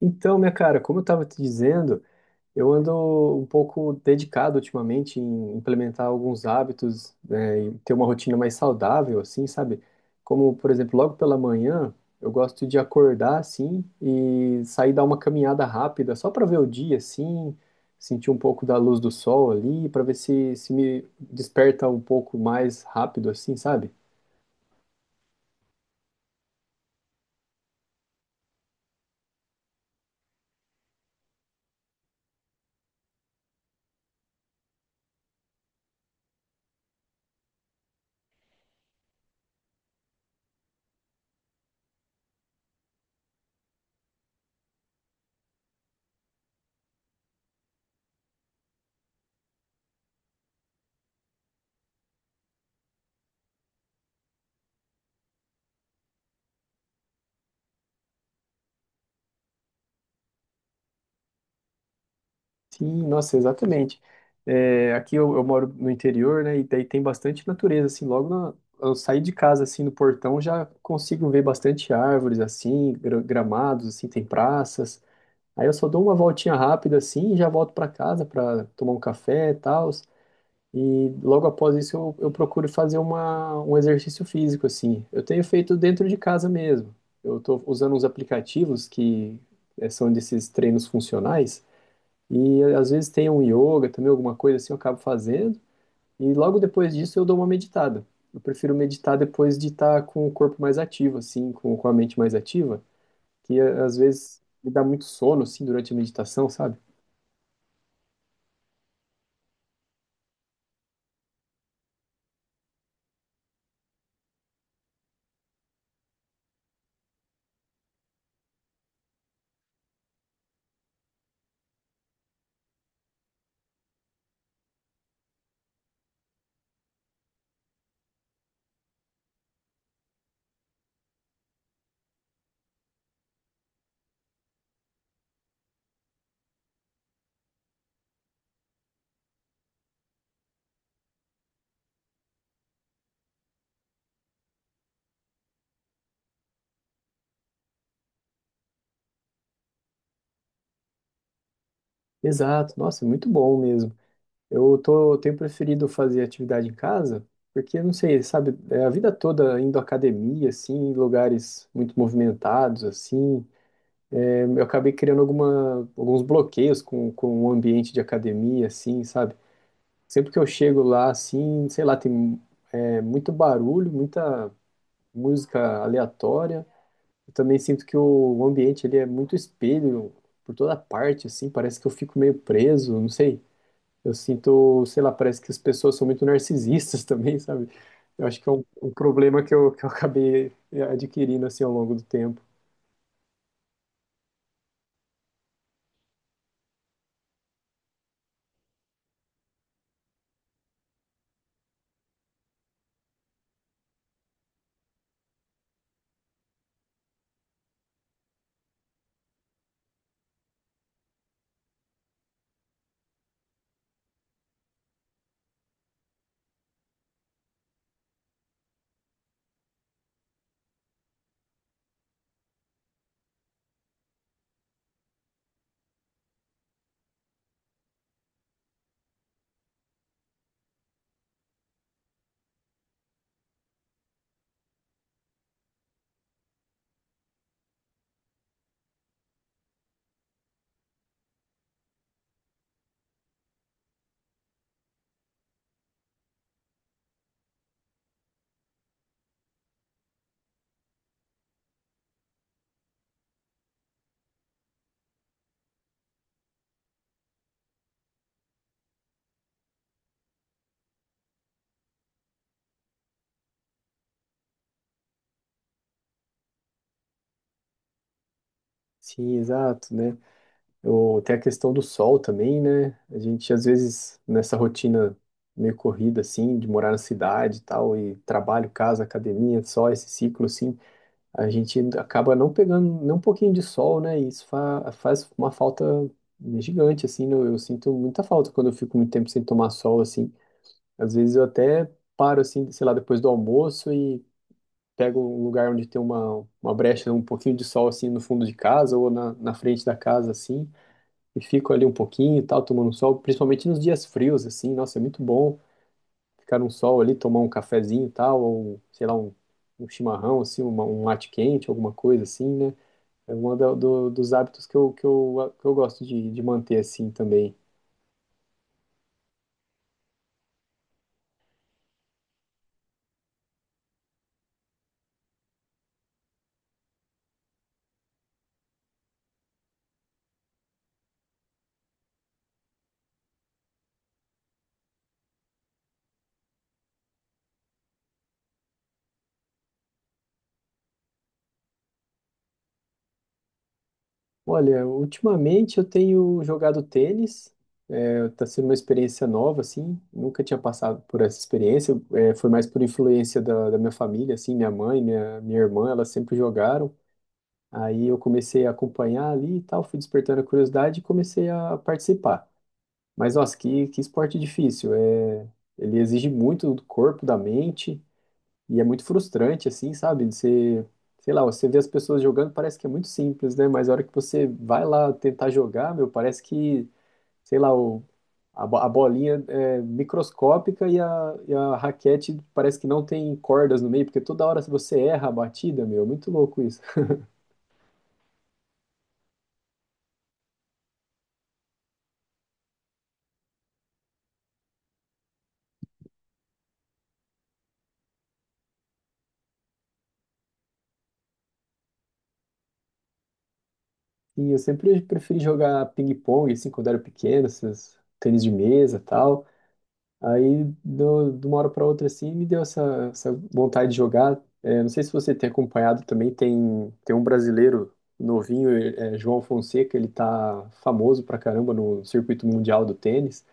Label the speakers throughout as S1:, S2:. S1: Então, minha cara, como eu estava te dizendo, eu ando um pouco dedicado ultimamente em implementar alguns hábitos, né, e ter uma rotina mais saudável, assim, sabe? Como, por exemplo, logo pela manhã, eu gosto de acordar, assim, e sair dar uma caminhada rápida, só para ver o dia, assim, sentir um pouco da luz do sol ali, para ver se me desperta um pouco mais rápido, assim, sabe? Sim, nossa, exatamente. É, aqui eu moro no interior, né? E daí tem bastante natureza, assim. Eu saí de casa, assim, no portão, já consigo ver bastante árvores, assim, gramados, assim, tem praças. Aí eu só dou uma voltinha rápida, assim, e já volto para casa para tomar um café e tal. E logo após isso eu procuro fazer um exercício físico, assim. Eu tenho feito dentro de casa mesmo. Eu estou usando uns aplicativos que são desses treinos funcionais. E às vezes tem um yoga também, alguma coisa assim, eu acabo fazendo. E logo depois disso eu dou uma meditada. Eu prefiro meditar depois de estar com o corpo mais ativo, assim, com a mente mais ativa, às vezes me dá muito sono, assim, durante a meditação, sabe? Exato, nossa, é muito bom mesmo. Eu tenho preferido fazer atividade em casa, porque, não sei, sabe, é, a vida toda indo à academia, assim, em lugares muito movimentados, assim, eu acabei criando alguns bloqueios com o ambiente de academia, assim, sabe? Sempre que eu chego lá, assim, sei lá, tem muito barulho, muita música aleatória. Eu também sinto que o ambiente ele é muito espelho por toda parte, assim, parece que eu fico meio preso, não sei. Eu sinto, sei lá, parece que as pessoas são muito narcisistas também, sabe? Eu acho que é um, um problema que eu acabei adquirindo, assim, ao longo do tempo. Sim, exato, né? Eu, tem a questão do sol também, né? A gente, às vezes, nessa rotina meio corrida, assim, de morar na cidade e tal, e trabalho, casa, academia, só esse ciclo, assim, a gente acaba não pegando nem um pouquinho de sol, né? E isso fa faz uma falta gigante, assim, né? Eu sinto muita falta quando eu fico muito tempo sem tomar sol, assim. Às vezes eu até paro, assim, sei lá, depois do almoço e pego um lugar onde tem uma brecha, um pouquinho de sol, assim, no fundo de casa ou na frente da casa, assim e fico ali um pouquinho e tal, tomando sol, principalmente nos dias frios, assim, nossa, é muito bom ficar no sol ali, tomar um cafezinho e tal, ou um, sei lá, um chimarrão, assim, um mate quente, alguma coisa assim, né? É um dos hábitos que eu gosto de manter assim também. Olha, ultimamente eu tenho jogado tênis, é, tá sendo uma experiência nova, assim, nunca tinha passado por essa experiência, é, foi mais por influência da minha família, assim, minha mãe, minha irmã, elas sempre jogaram. Aí eu comecei a acompanhar ali e tal, fui despertando a curiosidade e comecei a participar. Mas nossa, que esporte difícil. É, ele exige muito do corpo, da mente e é muito frustrante, assim, sabe? Você, sei lá, você vê as pessoas jogando, parece que é muito simples, né? Mas a hora que você vai lá tentar jogar, meu, parece que, sei lá, a bolinha é microscópica e a, raquete parece que não tem cordas no meio, porque toda hora você erra a batida, meu, é muito louco isso. E eu sempre preferi jogar ping-pong, assim, quando era pequeno, esses tênis de mesa e tal. Aí, de uma hora para outra, assim, me deu essa, essa vontade de jogar. É, não sei se você tem acompanhado também, tem, tem um brasileiro novinho, é João Fonseca, ele tá famoso pra caramba no circuito mundial do tênis.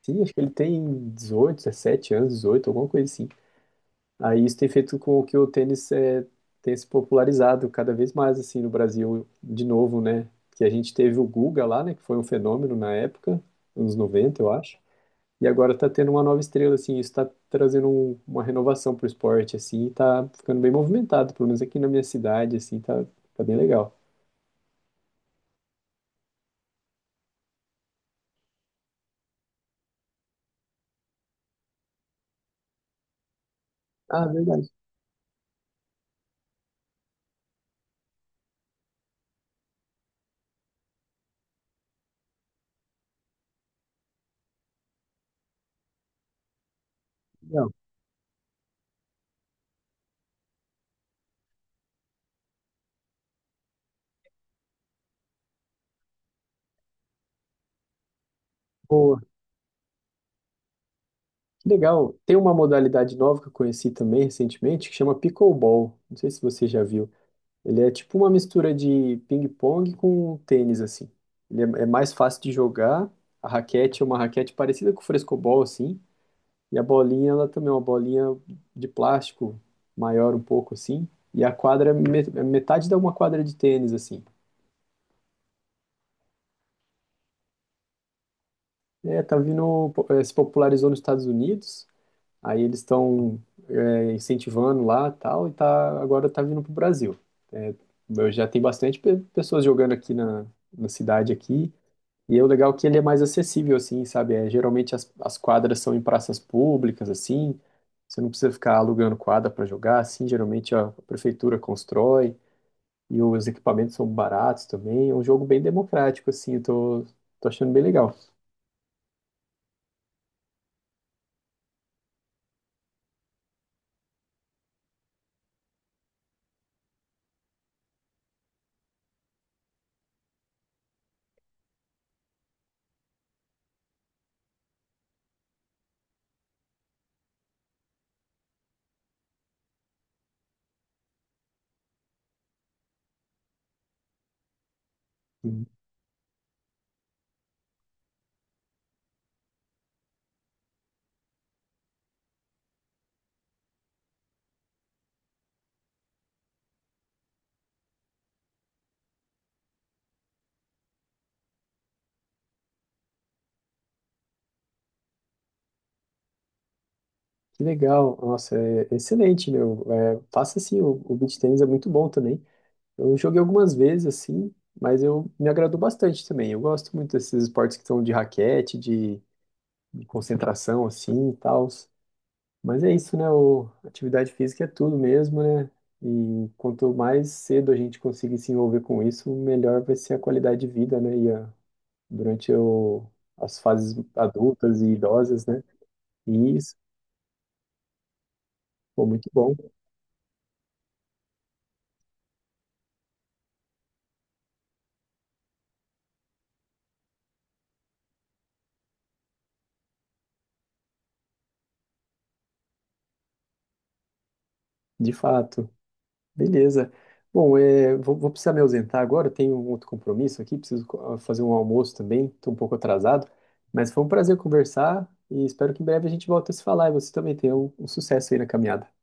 S1: Sim, acho que ele tem 18, 17 anos, 18, alguma coisa assim. Aí isso tem feito com que o tênis é, tenha se popularizado cada vez mais assim no Brasil, de novo, né? Que a gente teve o Guga lá, né? Que foi um fenômeno na época, anos 90 eu acho. E agora tá tendo uma nova estrela, assim, isso tá trazendo uma renovação pro esporte, assim, e tá ficando bem movimentado, pelo menos aqui na minha cidade, assim, tá, tá bem legal. Ah, verdade, que legal. Boa. Que legal. Tem uma modalidade nova que eu conheci também recentemente, que chama pickleball. Não sei se você já viu. Ele é tipo uma mistura de ping-pong com tênis, assim. Ele é mais fácil de jogar. A raquete é uma raquete parecida com o frescobol, assim. E a bolinha, ela também é uma bolinha de plástico, maior um pouco, assim. E a quadra é metade da uma quadra de tênis, assim. É, tá vindo, se popularizou nos Estados Unidos. Aí eles estão incentivando lá, tal. E tá, agora tá vindo pro Brasil. É, eu já tem bastante pessoas jogando aqui na cidade aqui. E é o legal é que ele é mais acessível, assim, sabe? É, geralmente as quadras são em praças públicas, assim. Você não precisa ficar alugando quadra para jogar, assim. Geralmente a prefeitura constrói e os equipamentos são baratos também. É um jogo bem democrático, assim. Eu tô achando bem legal. Uhum. Que legal. Nossa, é excelente, meu. É, faça assim, o beach tennis é muito bom também. Eu joguei algumas vezes, assim, mas eu me agradou bastante também. Eu gosto muito desses esportes que são de raquete, de concentração assim e tal. Mas é isso, né? O, atividade física é tudo mesmo, né? E quanto mais cedo a gente conseguir se envolver com isso, melhor vai ser a qualidade de vida, né? E a, durante o, as fases adultas e idosas, né? E isso, pô, muito bom, de fato. Beleza. Bom, é, vou precisar me ausentar agora, eu tenho um outro compromisso aqui, preciso fazer um almoço também, estou um pouco atrasado, mas foi um prazer conversar e espero que em breve a gente volte a se falar e você também tenha um sucesso aí na caminhada.